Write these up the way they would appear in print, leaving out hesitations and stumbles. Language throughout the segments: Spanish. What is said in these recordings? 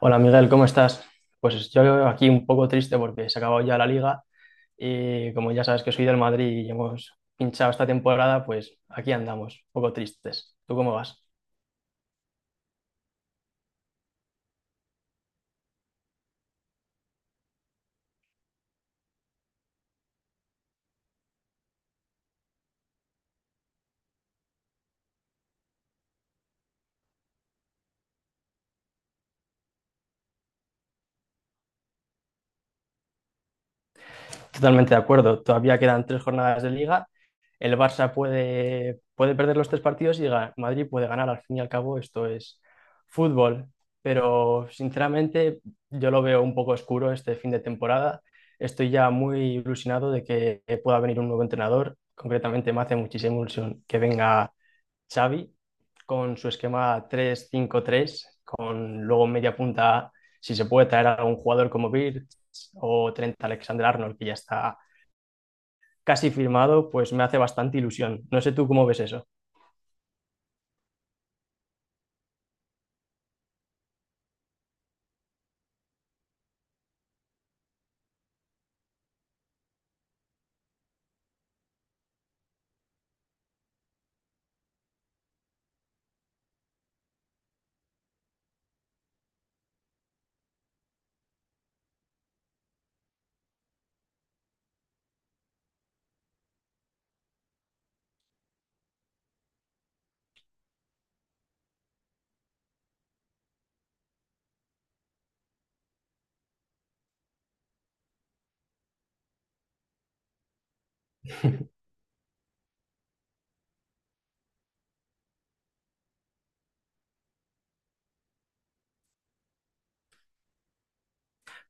Hola Miguel, ¿cómo estás? Pues yo aquí un poco triste porque se ha acabado ya la liga y como ya sabes que soy del Madrid y hemos pinchado esta temporada, pues aquí andamos, un poco tristes. ¿Tú cómo vas? Totalmente de acuerdo, todavía quedan tres jornadas de liga. El Barça puede perder los tres partidos y Madrid puede ganar. Al fin y al cabo, esto es fútbol. Pero sinceramente, yo lo veo un poco oscuro este fin de temporada. Estoy ya muy ilusionado de que pueda venir un nuevo entrenador. Concretamente, me hace muchísima ilusión que venga Xavi con su esquema 3-5-3 con luego media punta, si se puede traer a un jugador como Birch o Trent Alexander-Arnold, que ya está casi firmado, pues me hace bastante ilusión. No sé tú cómo ves eso.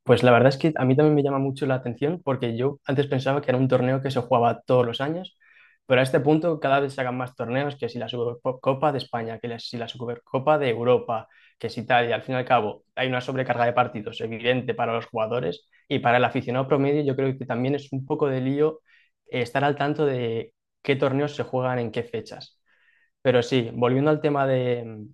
Pues la verdad es que a mí también me llama mucho la atención porque yo antes pensaba que era un torneo que se jugaba todos los años, pero a este punto cada vez se hagan más torneos, que si la Supercopa de España, que si la Supercopa de Europa, que si tal, y al fin y al cabo hay una sobrecarga de partidos evidente para los jugadores y para el aficionado promedio yo creo que también es un poco de lío, estar al tanto de qué torneos se juegan en qué fechas. Pero sí, volviendo al tema de, mm,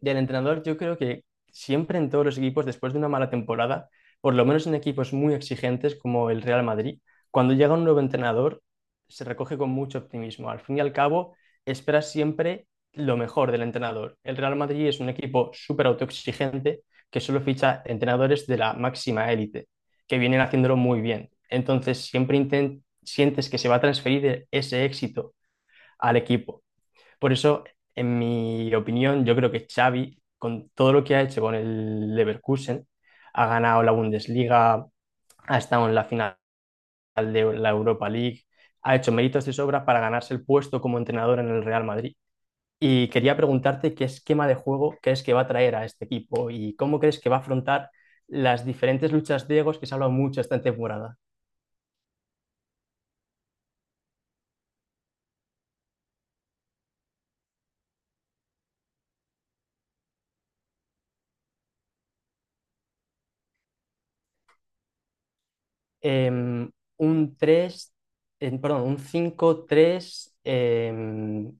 del entrenador, yo creo que siempre en todos los equipos, después de una mala temporada, por lo menos en equipos muy exigentes como el Real Madrid, cuando llega un nuevo entrenador, se recoge con mucho optimismo. Al fin y al cabo, esperas siempre lo mejor del entrenador. El Real Madrid es un equipo súper autoexigente que solo ficha entrenadores de la máxima élite, que vienen haciéndolo muy bien. Entonces, siempre sientes que se va a transferir ese éxito al equipo. Por eso, en mi opinión, yo creo que Xavi, con todo lo que ha hecho con el Leverkusen, ha ganado la Bundesliga, ha estado en la final de la Europa League, ha hecho méritos de sobra para ganarse el puesto como entrenador en el Real Madrid. Y quería preguntarte qué esquema de juego crees que va a traer a este equipo y cómo crees que va a afrontar las diferentes luchas de egos que se ha hablado mucho esta temporada. Em, un tres, perdón, un cinco tres.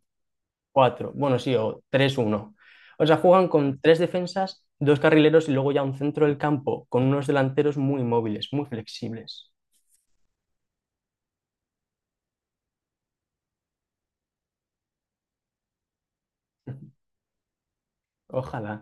Cuatro, bueno, sí, o tres, uno. O sea, juegan con tres defensas, dos carrileros y luego ya un centro del campo, con unos delanteros muy móviles, muy flexibles. Ojalá.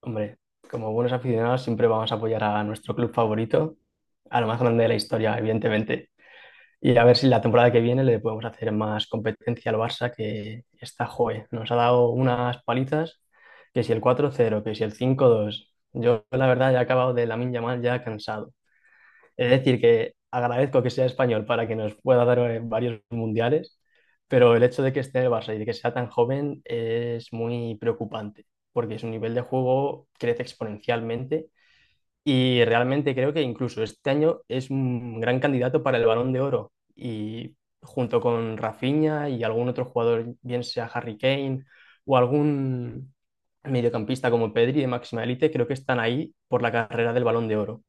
Hombre, como buenos aficionados siempre vamos a apoyar a nuestro club favorito, a lo más grande de la historia, evidentemente. Y a ver si la temporada que viene le podemos hacer más competencia al Barça, que está, joe, nos ha dado unas palizas, que si el 4-0, que si el 5-2. Yo, la verdad, ya he acabado de Lamine Yamal, ya cansado. Es decir, que agradezco que sea español para que nos pueda dar, varios mundiales, pero el hecho de que esté en el Barça y de que sea tan joven es muy preocupante, porque su nivel de juego crece exponencialmente y realmente creo que incluso este año es un gran candidato para el Balón de Oro, y junto con Rafinha y algún otro jugador, bien sea Harry Kane o algún mediocampista como Pedri de máxima élite, creo que están ahí por la carrera del Balón de Oro.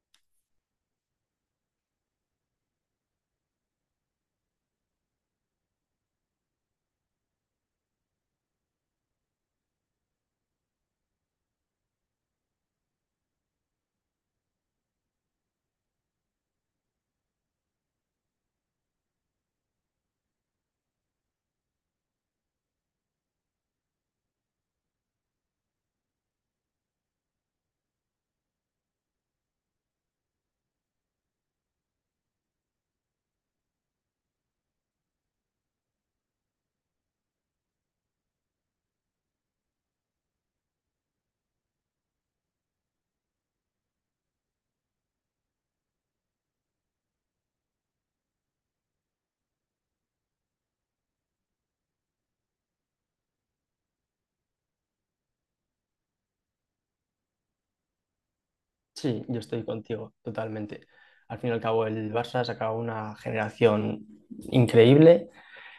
Sí, yo estoy contigo totalmente. Al fin y al cabo, el Barça ha sacado una generación increíble.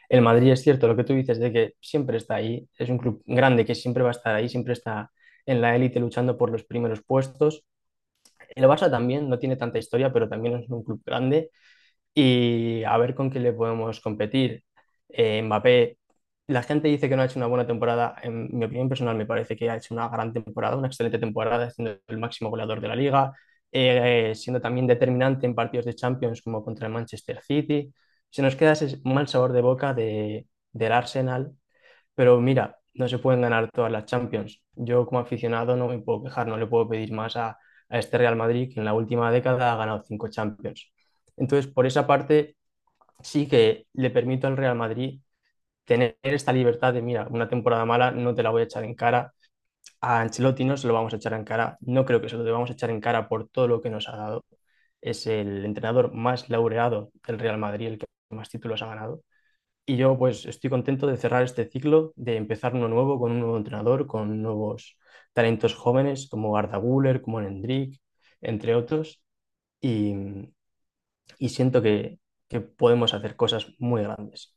El Madrid, es cierto lo que tú dices, de que siempre está ahí. Es un club grande que siempre va a estar ahí, siempre está en la élite luchando por los primeros puestos. El Barça también no tiene tanta historia, pero también es un club grande y a ver con quién le podemos competir. Mbappé, la gente dice que no ha hecho una buena temporada. En mi opinión personal, me parece que ha hecho una gran temporada, una excelente temporada, siendo el máximo goleador de la liga, siendo también determinante en partidos de Champions como contra el Manchester City. Se nos queda ese mal sabor de boca del Arsenal, pero mira, no se pueden ganar todas las Champions. Yo como aficionado no me puedo quejar, no le puedo pedir más a este Real Madrid, que en la última década ha ganado cinco Champions. Entonces, por esa parte, sí que le permito al Real Madrid tener esta libertad de, mira, una temporada mala no te la voy a echar en cara. A Ancelotti no se lo vamos a echar en cara. No creo que se lo debamos echar en cara por todo lo que nos ha dado. Es el entrenador más laureado del Real Madrid, el que más títulos ha ganado. Y yo pues estoy contento de cerrar este ciclo, de empezar uno nuevo con un nuevo entrenador, con nuevos talentos jóvenes como Arda Güler, como Hendrik, entre otros, y, y siento que podemos hacer cosas muy grandes.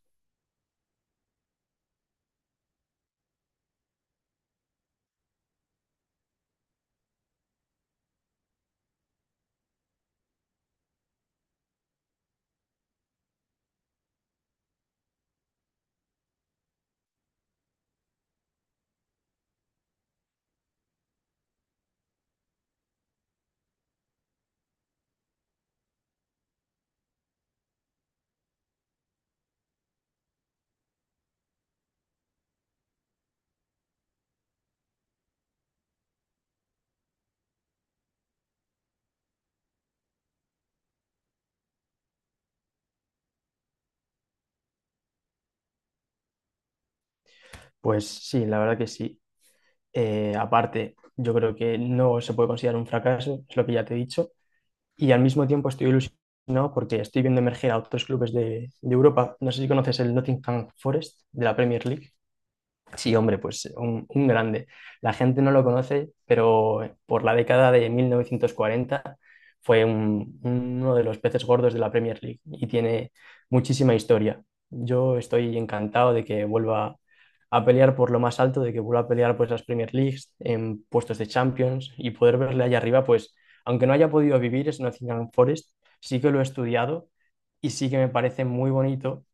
Pues sí, la verdad que sí. Aparte, yo creo que no se puede considerar un fracaso, es lo que ya te he dicho, y al mismo tiempo estoy ilusionado porque estoy viendo emerger a otros clubes de Europa. No sé si conoces el Nottingham Forest de la Premier League. Sí, hombre, pues un grande. La gente no lo conoce, pero por la década de 1940 uno de los peces gordos de la Premier League y tiene muchísima historia. Yo estoy encantado de que vuelva a pelear por lo más alto, de que vuelva a pelear pues las Premier Leagues en puestos de Champions y poder verle allá arriba, pues aunque no haya podido vivir en Nottingham Forest, sí que lo he estudiado y sí que me parece muy bonito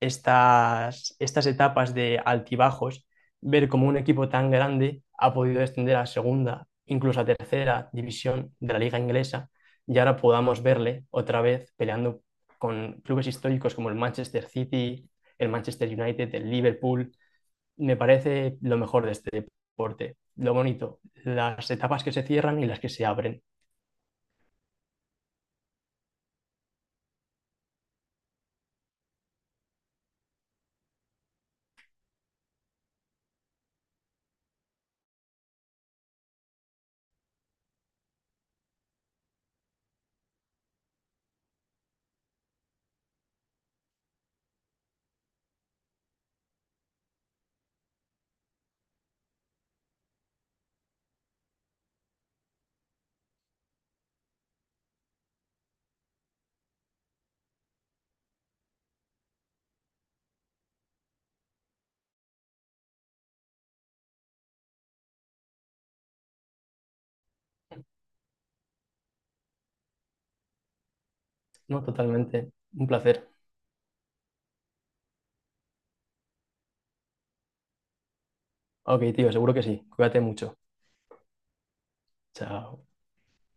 estas etapas de altibajos, ver cómo un equipo tan grande ha podido descender a segunda, incluso a tercera división de la liga inglesa, y ahora podamos verle otra vez peleando con clubes históricos como el Manchester City, el Manchester United, el Liverpool. Me parece lo mejor de este deporte, lo bonito, las etapas que se cierran y las que se abren. No, totalmente. Un placer. Ok, tío, seguro que sí. Cuídate mucho. Chao.